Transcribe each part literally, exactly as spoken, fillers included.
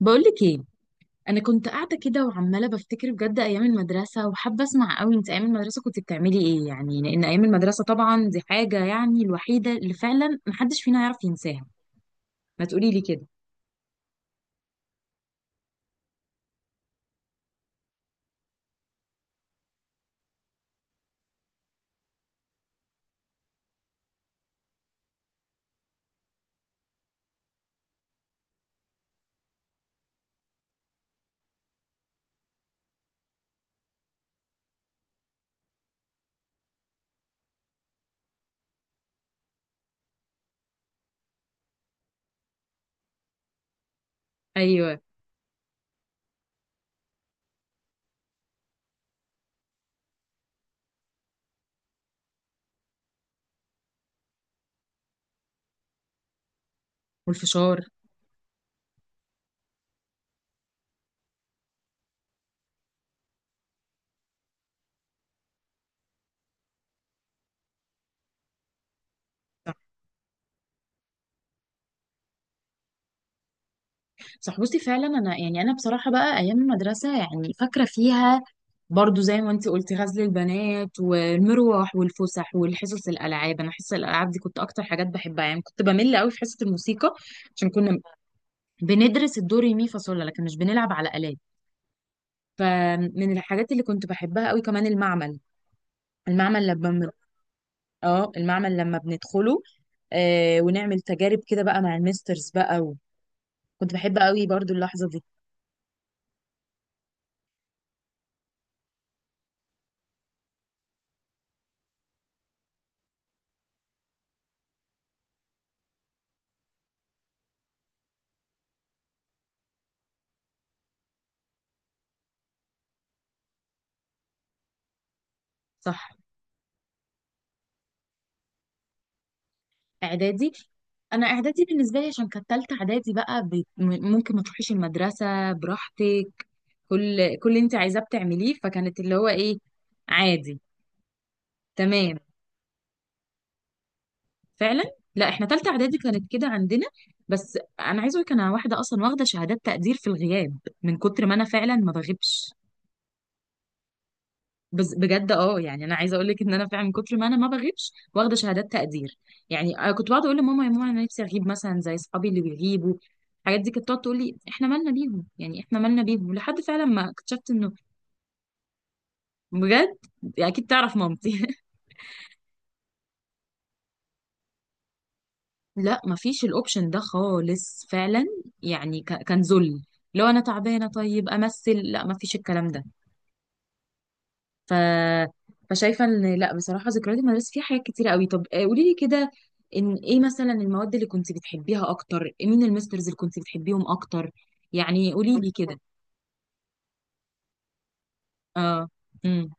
بقولك ايه، انا كنت قاعده كده وعماله بفتكر بجد ايام المدرسه وحابه اسمع قوي. انت ايام المدرسه كنت بتعملي ايه؟ يعني لان ايام المدرسه طبعا دي حاجه يعني الوحيده اللي فعلا محدش فينا يعرف ينساها. ما تقولي لي كده. ايوه. والفشار. صح. صح، بصي فعلا انا يعني انا بصراحه بقى ايام المدرسه يعني فاكره فيها. برضو زي ما انت قلتي، غزل البنات والمروح والفسح والحصص الالعاب. انا حصص الالعاب دي كنت اكتر حاجات بحبها، يعني كنت بمل قوي في حصه الموسيقى عشان كنا بندرس الدو ري مي فا صول لا، لكن مش بنلعب على آلات. فمن الحاجات اللي كنت بحبها قوي كمان المعمل. المعمل لما بن- اه، المعمل لما بندخله، آه ونعمل تجارب كده بقى مع المسترز بقى و... كنت بحب قوي برضو اللحظة دي. صح. اعدادي. انا اعدادي بالنسبه لي عشان كانت تالته اعدادي بقى ب... م- ممكن ما تروحيش المدرسه براحتك. كل كل اللي انت عايزاه بتعمليه، فكانت اللي هو ايه، عادي، تمام. فعلا. لا، احنا تالتة اعدادي كانت كده عندنا. بس انا عايزه اقولك انا واحده اصلا واخده شهادات تقدير في الغياب من كتر ما انا فعلا ما بغيبش. بس بجد، اه يعني انا عايزه اقول لك ان انا فعلا من كتر ما انا ما بغيبش واخده شهادات تقدير. يعني أنا كنت بقعد اقول لماما، يا ماما انا نفسي اغيب مثلا زي اصحابي اللي بيغيبوا الحاجات دي. كانت بتقعد تقول لي احنا مالنا بيهم، يعني احنا مالنا بيهم، لحد فعلا ما اكتشفت انه... بجد. يعني اكيد تعرف مامتي. لا مفيش الاوبشن ده خالص فعلا. يعني ك- كان ذل لو انا تعبانه طيب امثل، لا مفيش الكلام ده. ف فشايفه ان لا بصراحه ذكريات المدرسه فيها حاجات كتيره قوي. طب، آه، قولي لي كده ان ايه مثلا المواد اللي كنت بتحبيها اكتر؟ مين المسترز اللي كنت بتحبيهم اكتر؟ يعني قولي لي كده. اه. امم.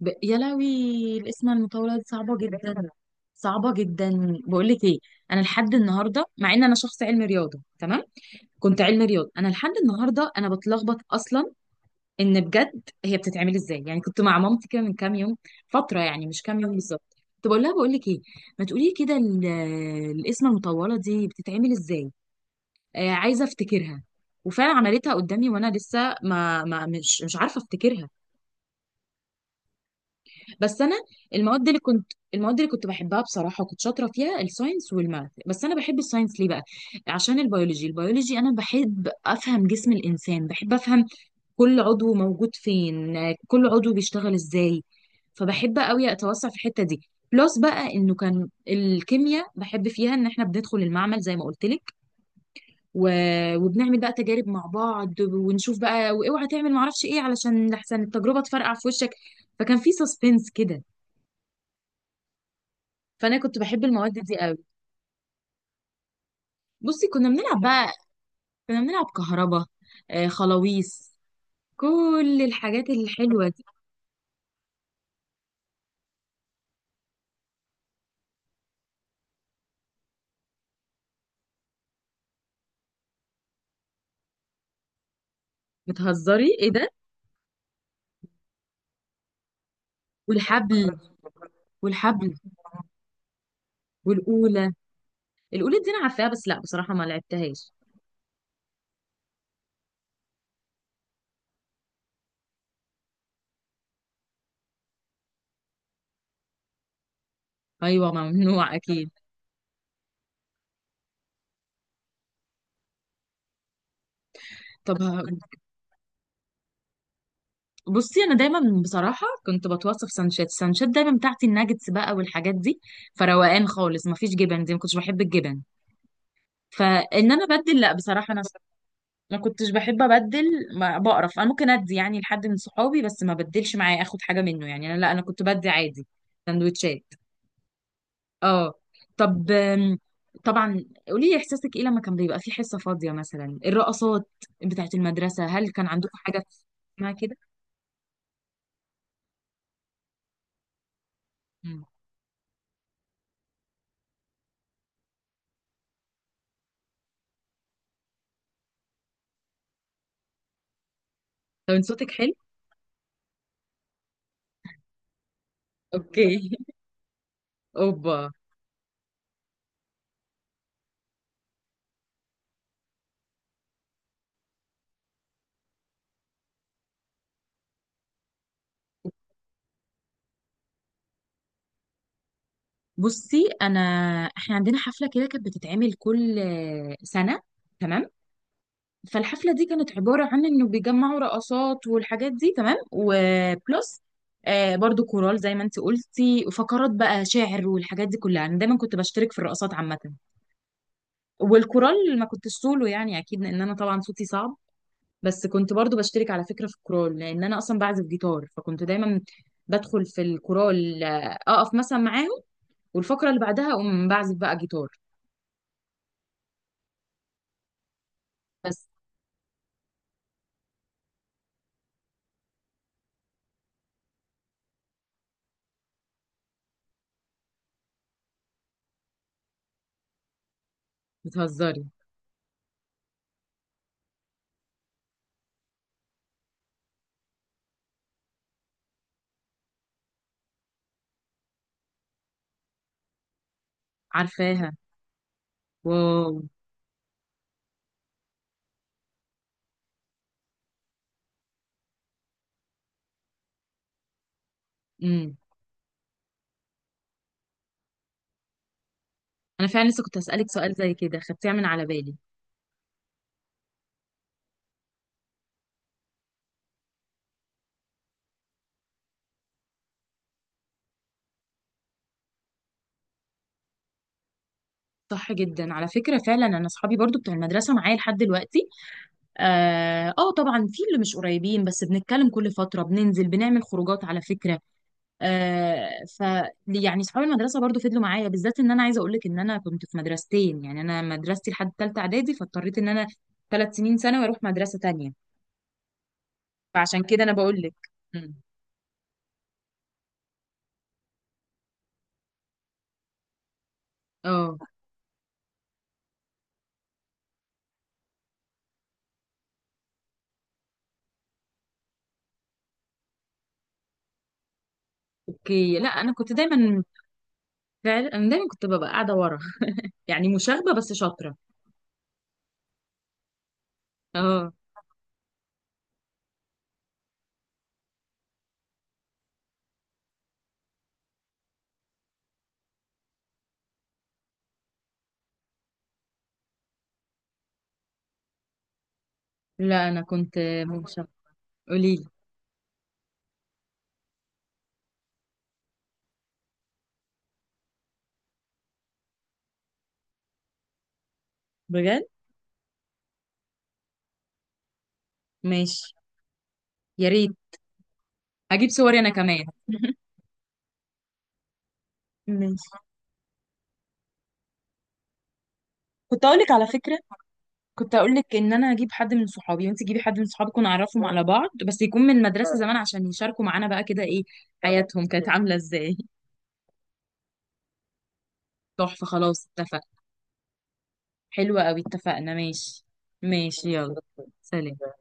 ب... يا لهوي، الاسم المطوله دي صعبه جدا. صعبه جدا. بقول لك ايه، انا لحد النهارده مع ان انا شخص علمي رياضه، تمام، كنت علمي رياضة، انا لحد النهارده انا بتلخبط اصلا ان بجد هي بتتعمل ازاي. يعني كنت مع مامتي كده من كام يوم، فترة يعني مش كام يوم بالظبط، كنت بقول لها بقول لك ايه، ما تقولي لي كده، ال- القسمة المطولة دي بتتعمل ازاي. آه عايزة افتكرها. وفعلا عملتها قدامي وانا لسه ما, ما مش مش عارفة افتكرها. بس انا المواد اللي كنت المواد اللي كنت بحبها بصراحة وكنت شاطرة فيها الساينس والماث. بس انا بحب الساينس ليه بقى؟ عشان البيولوجي. البيولوجي انا بحب افهم جسم الانسان، بحب افهم كل عضو موجود فين، كل عضو بيشتغل ازاي. فبحب قوي اتوسع في الحته دي. بلس بقى انه كان الكيمياء بحب فيها ان احنا بندخل المعمل زي ما قلت لك و... وبنعمل بقى تجارب مع بعض، ونشوف بقى، واوعى تعمل معرفش ايه علشان لحسن التجربه تفرقع في وشك. فكان في سسبنس كده. فانا كنت بحب المواد دي قوي. بصي كنا بنلعب بقى، كنا بنلعب كهربا، آه خلاويص، كل الحاجات الحلوه دي. بتهزري، ايه ده. والحبل. والحبل والأولى. القلوب دي انا عارفاها، بس لا بصراحه ما لعبتهاش. ايوه ممنوع اكيد. طب ه- بصي انا دايما بصراحه كنت بتوصف سانشات. السانشات دايما بتاعتي الناجتس بقى والحاجات دي، فروقان خالص، ما فيش جبن، دي ما كنتش بحب الجبن. فان انا ابدل، لا بصراحه انا ما كنتش بحب ابدل، ما بقرف، انا ممكن ادي يعني لحد من صحابي، بس ما بدلش معايا اخد حاجه منه. يعني انا لا، انا كنت بدي عادي سندوتشات. اه. طب آم، طبعا قولي لي احساسك ايه لما كان بيبقى في حصه فاضيه؟ مثلا الرقصات بتاعت المدرسه، هل كان عندكم حاجه اسمها كده؟ مم. طب انت صوتك حلو. اوكي. اوبا. بصي انا، احنا عندنا حفله كده كانت بتتعمل كل آه، سنه، تمام. فالحفله دي كانت عباره عن انه بيجمعوا رقصات والحاجات دي، تمام، وبلس آه برضو كورال زي ما انت قلتي، وفقرات بقى شعر والحاجات دي كلها. انا دايما كنت بشترك في الرقصات عامه، والكورال ما كنتش سولو يعني اكيد، لان انا طبعا صوتي صعب. بس كنت برضو بشترك على فكره في الكورال لان انا اصلا بعزف جيتار. فكنت دايما بدخل في الكورال، آه، اقف مثلا معاهم، والفقره اللي بعدها اقوم بعزف بقى جيتار. بس. بتهزري. عارفاها. واو. امم. انا فعلا لسه كنت هسالك سؤال زي كده، خدتيها من على بالي. صح جدا على فكره، فعلا انا اصحابي برضو بتوع المدرسه معايا لحد دلوقتي. اه، آه، طبعا في اللي مش قريبين بس بنتكلم كل فتره، بننزل بنعمل خروجات على فكره. آه. ف يعني صحاب المدرسه برضو فضلوا معايا. بالذات ان انا عايزه اقول لك ان انا كنت في مدرستين. يعني انا مدرستي لحد ثالثه اعدادي، فاضطريت ان انا ثلاث سنين ثانوي اروح مدرسه تانية. فعشان كده انا بقول لك. مم. اه اوكي. لا انا كنت دايما، فعلا انا دايما كنت ببقى قاعده ورا. يعني مشاغبه بس شاطره. اه. لا انا كنت مشاغبه. قولي لي. بجد. ماشي. يا ريت، هجيب صوري انا كمان. ماشي. كنت اقول لك على فكره، كنت اقول لك ان انا هجيب حد من صحابي وانت تجيبي حد من صحابك ونعرفهم على بعض، بس يكون من المدرسه زمان عشان يشاركوا معانا بقى كده، ايه حياتهم كانت عامله ازاي. تحفه. خلاص اتفق. حلوه قوي، اتفقنا. ماشي. ماشي يلا. سلام.